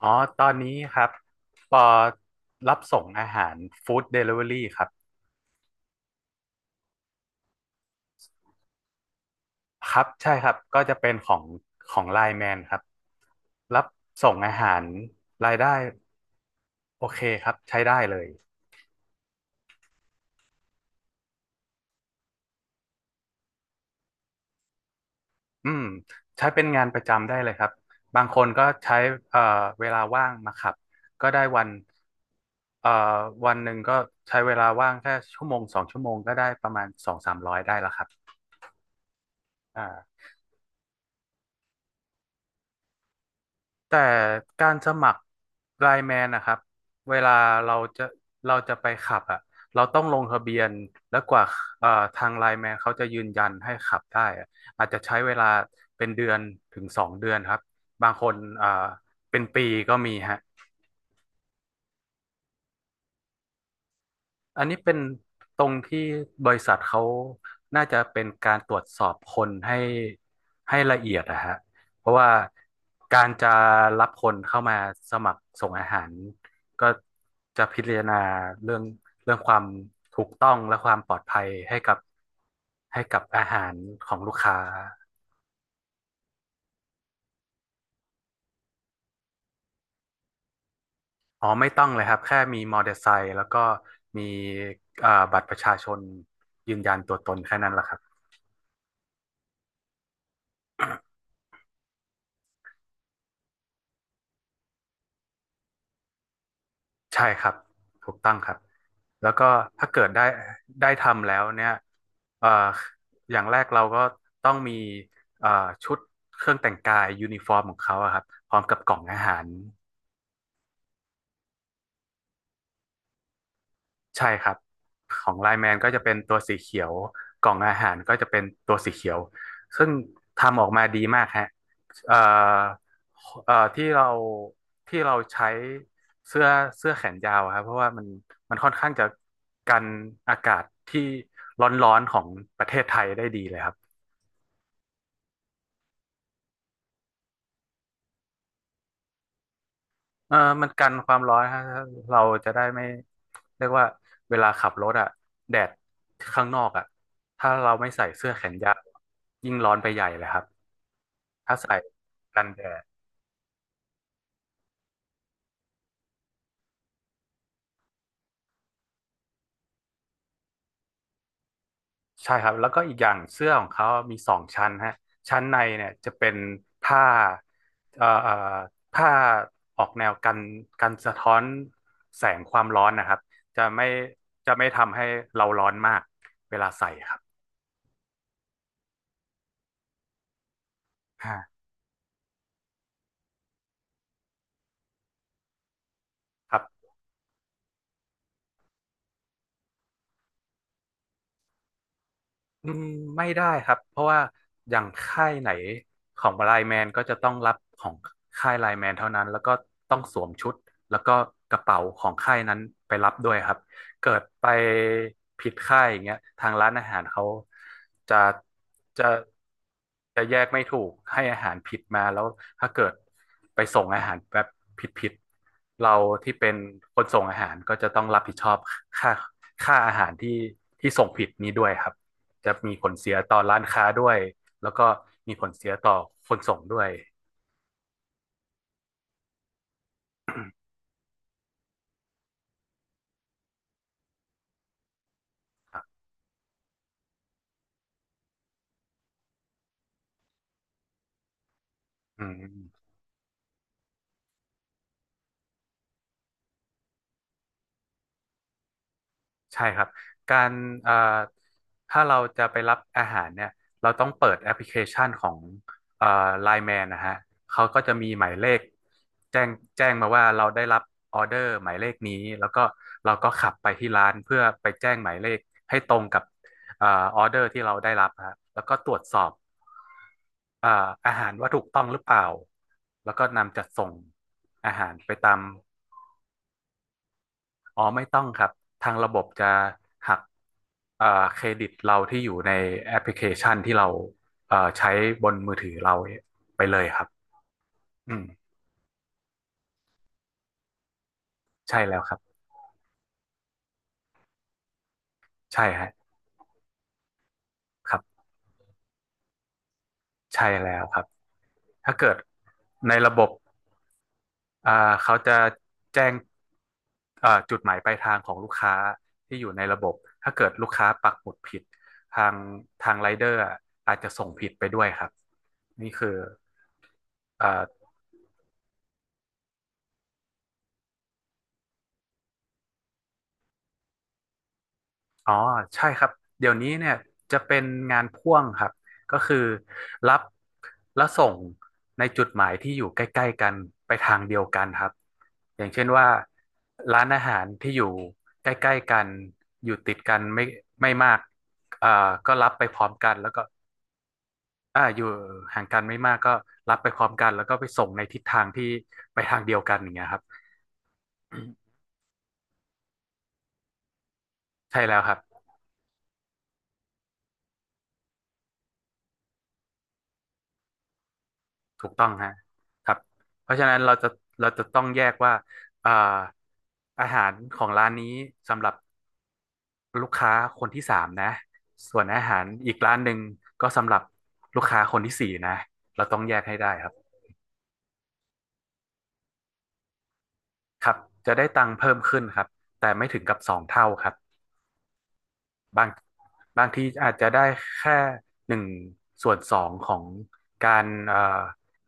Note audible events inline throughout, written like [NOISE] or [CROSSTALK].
อ๋อตอนนี้ครับปอรับส่งอาหารฟู้ดเดลิเวอรี่ครับครับใช่ครับก็จะเป็นของไลน์แมนครับรับส่งอาหารรายได้โอเคครับใช้ได้เลยอืมใช้เป็นงานประจำได้เลยครับบางคนก็ใช้เอ่อเวลาว่างมาขับก็ได้วันเอ่อวันหนึ่งก็ใช้เวลาว่างแค่ชั่วโมง2 ชั่วโมงก็ได้ประมาณสองสามร้อยได้แล้วครับอ่า แต่การสมัครไลน์แมนนะครับเวลาเราจะเราจะไปขับอ่ะเราต้องลงทะเบียนแล้วกว่าเอ่อทางไลน์แมนเขาจะยืนยันให้ขับได้อะอาจจะใช้เวลาเป็นเดือนถึง2 เดือนครับบางคนเป็นปีก็มีฮะ อันนี้เป็นตรงที่บริษัทเขาน่าจะเป็นการตรวจสอบคนให้ละเอียดนะฮะเพราะว่าการจะรับคนเข้ามาสมัครส่งอาหาร ก็จะพิจารณาเรื่องเรื่องความถูกต้องและความปลอดภัยให้กับอาหารของลูกค้า อ๋อไม่ต้องเลยครับแค่มีมอเตอร์ไซค์แล้วก็มีบัตรประชาชนยืนยันตัวตนแค่นั้นแหละครับ ใช่ครับถูกต้องครับแล้วก็ถ้าเกิดได้ทำแล้วเนี่ยเอ่ออย่างแรกเราก็ต้องมีเอ่อชุดเครื่องแต่งกายยูนิฟอร์มของเขาอะครับพร้อมกับกล่องอาหาร ใช่ครับของไลน์แมนก็จะเป็นตัวสีเขียวกล่องอาหารก็จะเป็นตัวสีเขียวซึ่งทำออกมาดีมากฮะเอ่อเอ่อที่เราที่เราใช้เสื้อเสื้อแขนยาวอะครับเพราะว่ามันค่อนข้างจะกันอากาศที่ร้อนๆของประเทศไทยได้ดีเลยครับ เออมันกันความร้อนฮะเราจะได้ไม่เรียกว่าเวลาขับรถอะแดดข้างนอกอะถ้าเราไม่ใส่เสื้อแขนยาวยิ่งร้อนไปใหญ่เลยครับถ้าใส่กันแดดใช่ครับแล้วก็อีกอย่างเสื้อของเขามี2 ชั้นฮะชั้นในเนี่ยจะเป็นผ้าเอ่อเอ่อผ้าออกแนวกันสะท้อนแสงความร้อนนะครับจะไม่จะไม่ทำให้เราร้อนมากเวลาใส่ครับอ่าครับ อืมไม่ได้ครับเพราะว่าอย่างค่ายไหนของไลน์แมนก็จะต้องรับของค่ายไลน์แมนเท่านั้นแล้วก็ต้องสวมชุดแล้วก็กระเป๋าของค่ายนั้นไปรับด้วยครับเกิดไปผิดค่ายอย่างเงี้ยทางร้านอาหารเขาจะจะจะแยกไม่ถูกให้อาหารผิดมาแล้วถ้าเกิดไปส่งอาหารแบบผิดๆเราที่เป็นคนส่งอาหารก็จะต้องรับผิดชอบค่าค่าอาหารที่ส่งผิดนี้ด้วยครับ จะมีผลเสียต่อร้านค้าด้วยแล้วก็มีผลเสียต่อคนส่งด้วยครับอืม ใช่ครับการเอ่อถ้าเราจะไปรับอาหารเนี่ยเราต้องเปิดแอปพลิเคชันของเอ่อไลน์แมนนะฮะเขาก็จะมีหมายเลขแจ้งแจ้งมาว่าเราได้รับออเดอร์หมายเลขนี้แล้วก็เราก็ขับไปที่ร้านเพื่อไปแจ้งหมายเลขให้ตรงกับเอ่อออเดอร์ที่เราได้รับฮะแล้วก็ตรวจสอบเอ่ออาหารว่าถูกต้องหรือเปล่าแล้วก็นำจัดส่งอาหารไปตาม อ๋อไม่ต้องครับทางระบบจะหักเอ่อเครดิตเราที่อยู่ในแอปพลิเคชันที่เราใช้บนมือถือเราไปเลยครับอืมใช่แล้วครับใช่ฮะครับใช่แล้วครับถ้าเกิดในระบบอ่าเขาจะแจ้งจุดหมายปลายทางของลูกค้าที่อยู่ในระบบถ้าเกิดลูกค้าปักหมุดผิดทางทางไรเดอร์อาจจะส่งผิดไปด้วยครับนี่คือเอ่อ อ๋อใช่ครับเดี๋ยวนี้เนี่ยจะเป็นงานพ่วงครับก็คือรับและส่งในจุดหมายที่อยู่ใกล้ๆกันไปทางเดียวกันครับอย่างเช่นว่าร้านอาหารที่อยู่ใกล้ๆกันอยู่ติดกันไม่มากอ่าก็รับไปพร้อมกันแล้วก็อ่าอยู่ห่างกันไม่มากก็รับไปพร้อมกันแล้วก็ไปส่งในทิศทางที่ไปทางเดียวกันอย่างเงี้ยครับใช่แล้วครับ ถูกต้องฮะครับ เพราะฉะนั้นเราจะต้องแยกว่าอ่าอาหารของร้านนี้สำหรับลูกค้าคนที่สามนะ ส่วนอาหารอีกร้านหนึ่งก็สำหรับลูกค้าคนที่สี่นะ เราต้องแยกให้ได้ครับ ครับ จะได้ตังค์เพิ่มขึ้นครับ แต่ไม่ถึงกับสองเท่าครับบางบางทีอาจจะได้แค่1/2ของการเอ่อ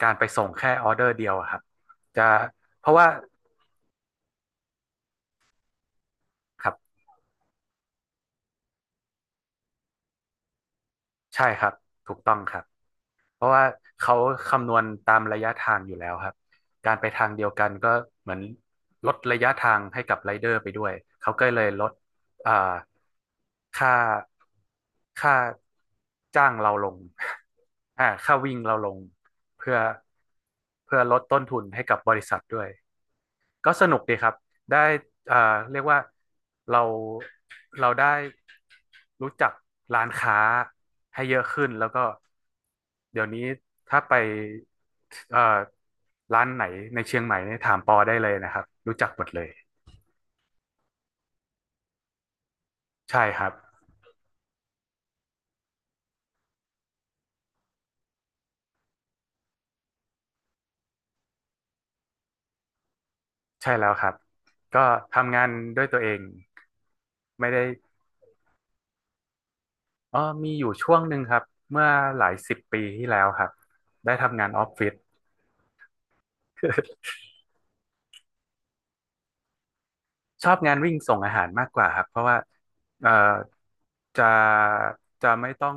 การไปส่งแค่ออเดอร์เดียวอะครับจะเพราะว่าครับใช่ครับถูกต้องครับ เพราะว่าเขาคำนวณตามระยะทางอยู่แล้วครับ การไปทางเดียวกันก็เหมือนลดระยะทางให้กับไรเดอร์ไปด้วย เขาก็เลยลดอ่าค่าค่าจ้างเราลง [LAUGHS] ค่าวิ่งเราลงเพื่อเพื่อลดต้นทุนให้กับบริษัทด้วย ก็สนุกดีครับได้เรียกว่าเราเราได้รู้จักร้านค้าให้เยอะขึ้น แล้วก็เดี๋ยวนี้ถ้าไปเอ่อร้านไหนในเชียงใหม่เนี่ยถามปอได้เลยนะครับรู้จักหมดเลย ใช่ครับ ใช่แล้วครับก็ทำงานด้วยตัวเองไม่ได้อ๋อมีอยู่ช่วงหนึ่งครับเมื่อหลายสิบปีที่แล้วครับได้ทำงานออฟฟิศชอบงานวิ่งส่งอาหารมากกว่าครับเพราะว่าเอ่อ จะจะไม่ต้อง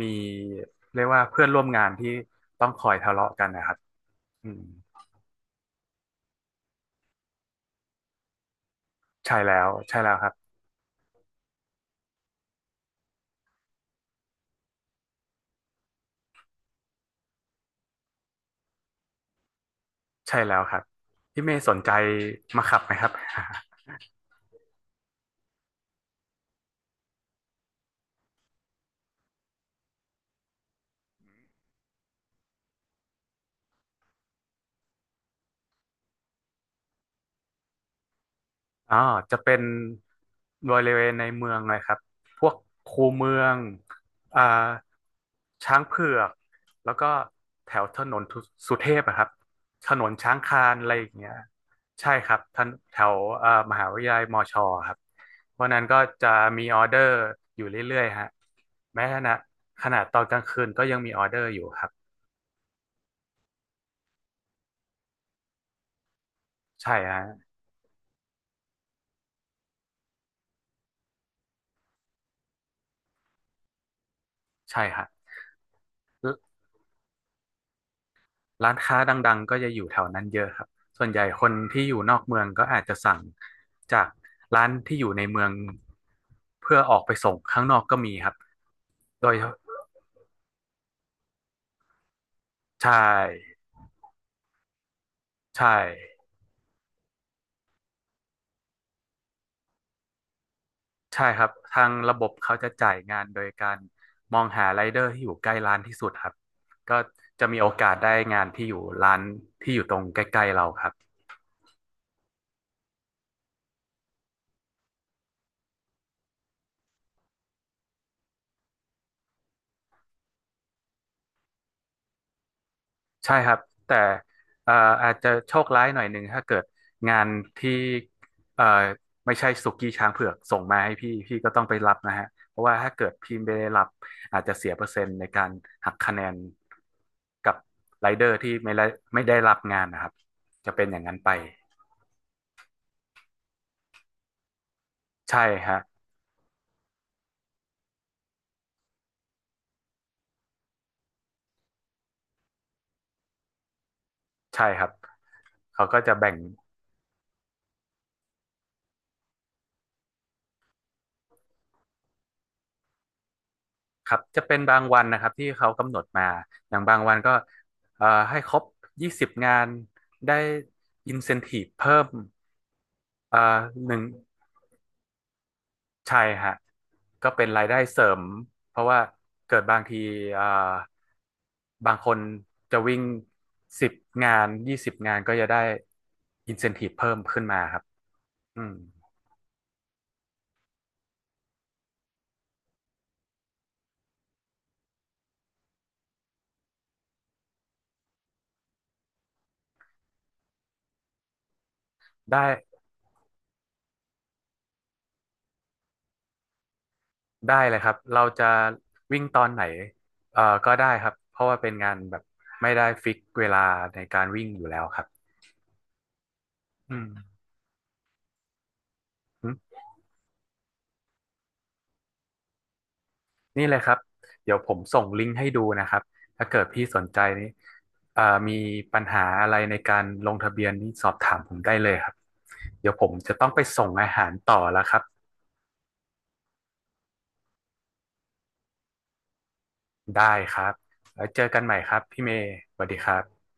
มีเรียกว่าเพื่อนร่วมงานที่ต้องคอยทะเลาะกันนะครับอืมใช่แล้วใช่แล้วครับใช่แล้วครับพี่เมย์สนใจมาขับไหมครับ อ่าจะเป็นบริเวณในเมืองเลยครับพวกคูเมืองอ่าช้างเผือกแล้วก็แถวถนนทุสุเทพอะครับถนนช้างคานอะไรอย่างเงี้ยใช่ครับท่านแถวมหาวิทยาลัยมอชอครับเพราะนั้นก็จะมีออเดอร์อยู่เรื่อยๆฮะแม้ขณะขนาดตอนกลางคืนก็ยังมีออเดอร์อยู่ครับใช่ฮะใช่ฮะ ร้านค้าดังๆก็จะอยู่แถวนั้นเยอะครับส่วนใหญ่คนที่อยู่นอกเมืองก็อาจจะสั่งจากร้านที่อยู่ในเมืองเพื่อออกไปส่งข้างนอกก็มีครับโดยใช่ใช่ใช่ครับทางระบบเขาจะจ่ายงานโดยการมองหาไรเดอร์ที่อยู่ใกล้ร้านที่สุดครับก็จะมีโอกาสได้งานที่อยู่ร้านที่อยู่ตรงใกล้ๆเราครับ ใช่ครับแต่เอ่ออาจจะโชคร้ายหน่อยหนึ่งถ้าเกิดงานที่เอ่อไม่ใช่สุกี้ช้างเผือกส่งมาให้พี่พี่ก็ต้องไปรับนะฮะเพราะว่าถ้าเกิดพี่ไม่ได้รับอาจจะเสียเปอร์เซ็นต์ในการหักคะแนนกับไรเดอร์ที่ไม่ได้รับงานนะครับจะเป็นอย่างนั้นไปใช่ฮะใช่ครับเขาก็จะแบ่ง ครับจะเป็นบางวันนะครับที่เขากำหนดมาอย่างบางวันก็ให้ครบยี่สิบงานได้อินเซนทีฟเพิ่มเอ่อหนึ่งใช่ฮะก็เป็นรายได้เสริมเพราะว่าเกิดบางทีเอ่อบางคนจะวิ่ง10 งาน 20 งานก็จะได้อินเซนทีฟเพิ่มขึ้นมาครับอืมได้ ได้เลยครับเราจะวิ่งตอนไหนก็ได้ครับเพราะว่าเป็นงานแบบไม่ได้ฟิกเวลาในการวิ่งอยู่แล้วครับอืมอืมนี่เลยครับเดี๋ยวผมส่งลิงก์ให้ดูนะครับถ้าเกิดพี่สนใจนี้เอ่อมีปัญหาอะไรในการลงทะเบียนนี่สอบถามผมได้เลยครับเดี๋ยวผมจะต้องไปส่งอาหารต่อแล้วครับได้ครับแล้วเจอกันใหม่ครับพี่เมย์สวัสดีครับ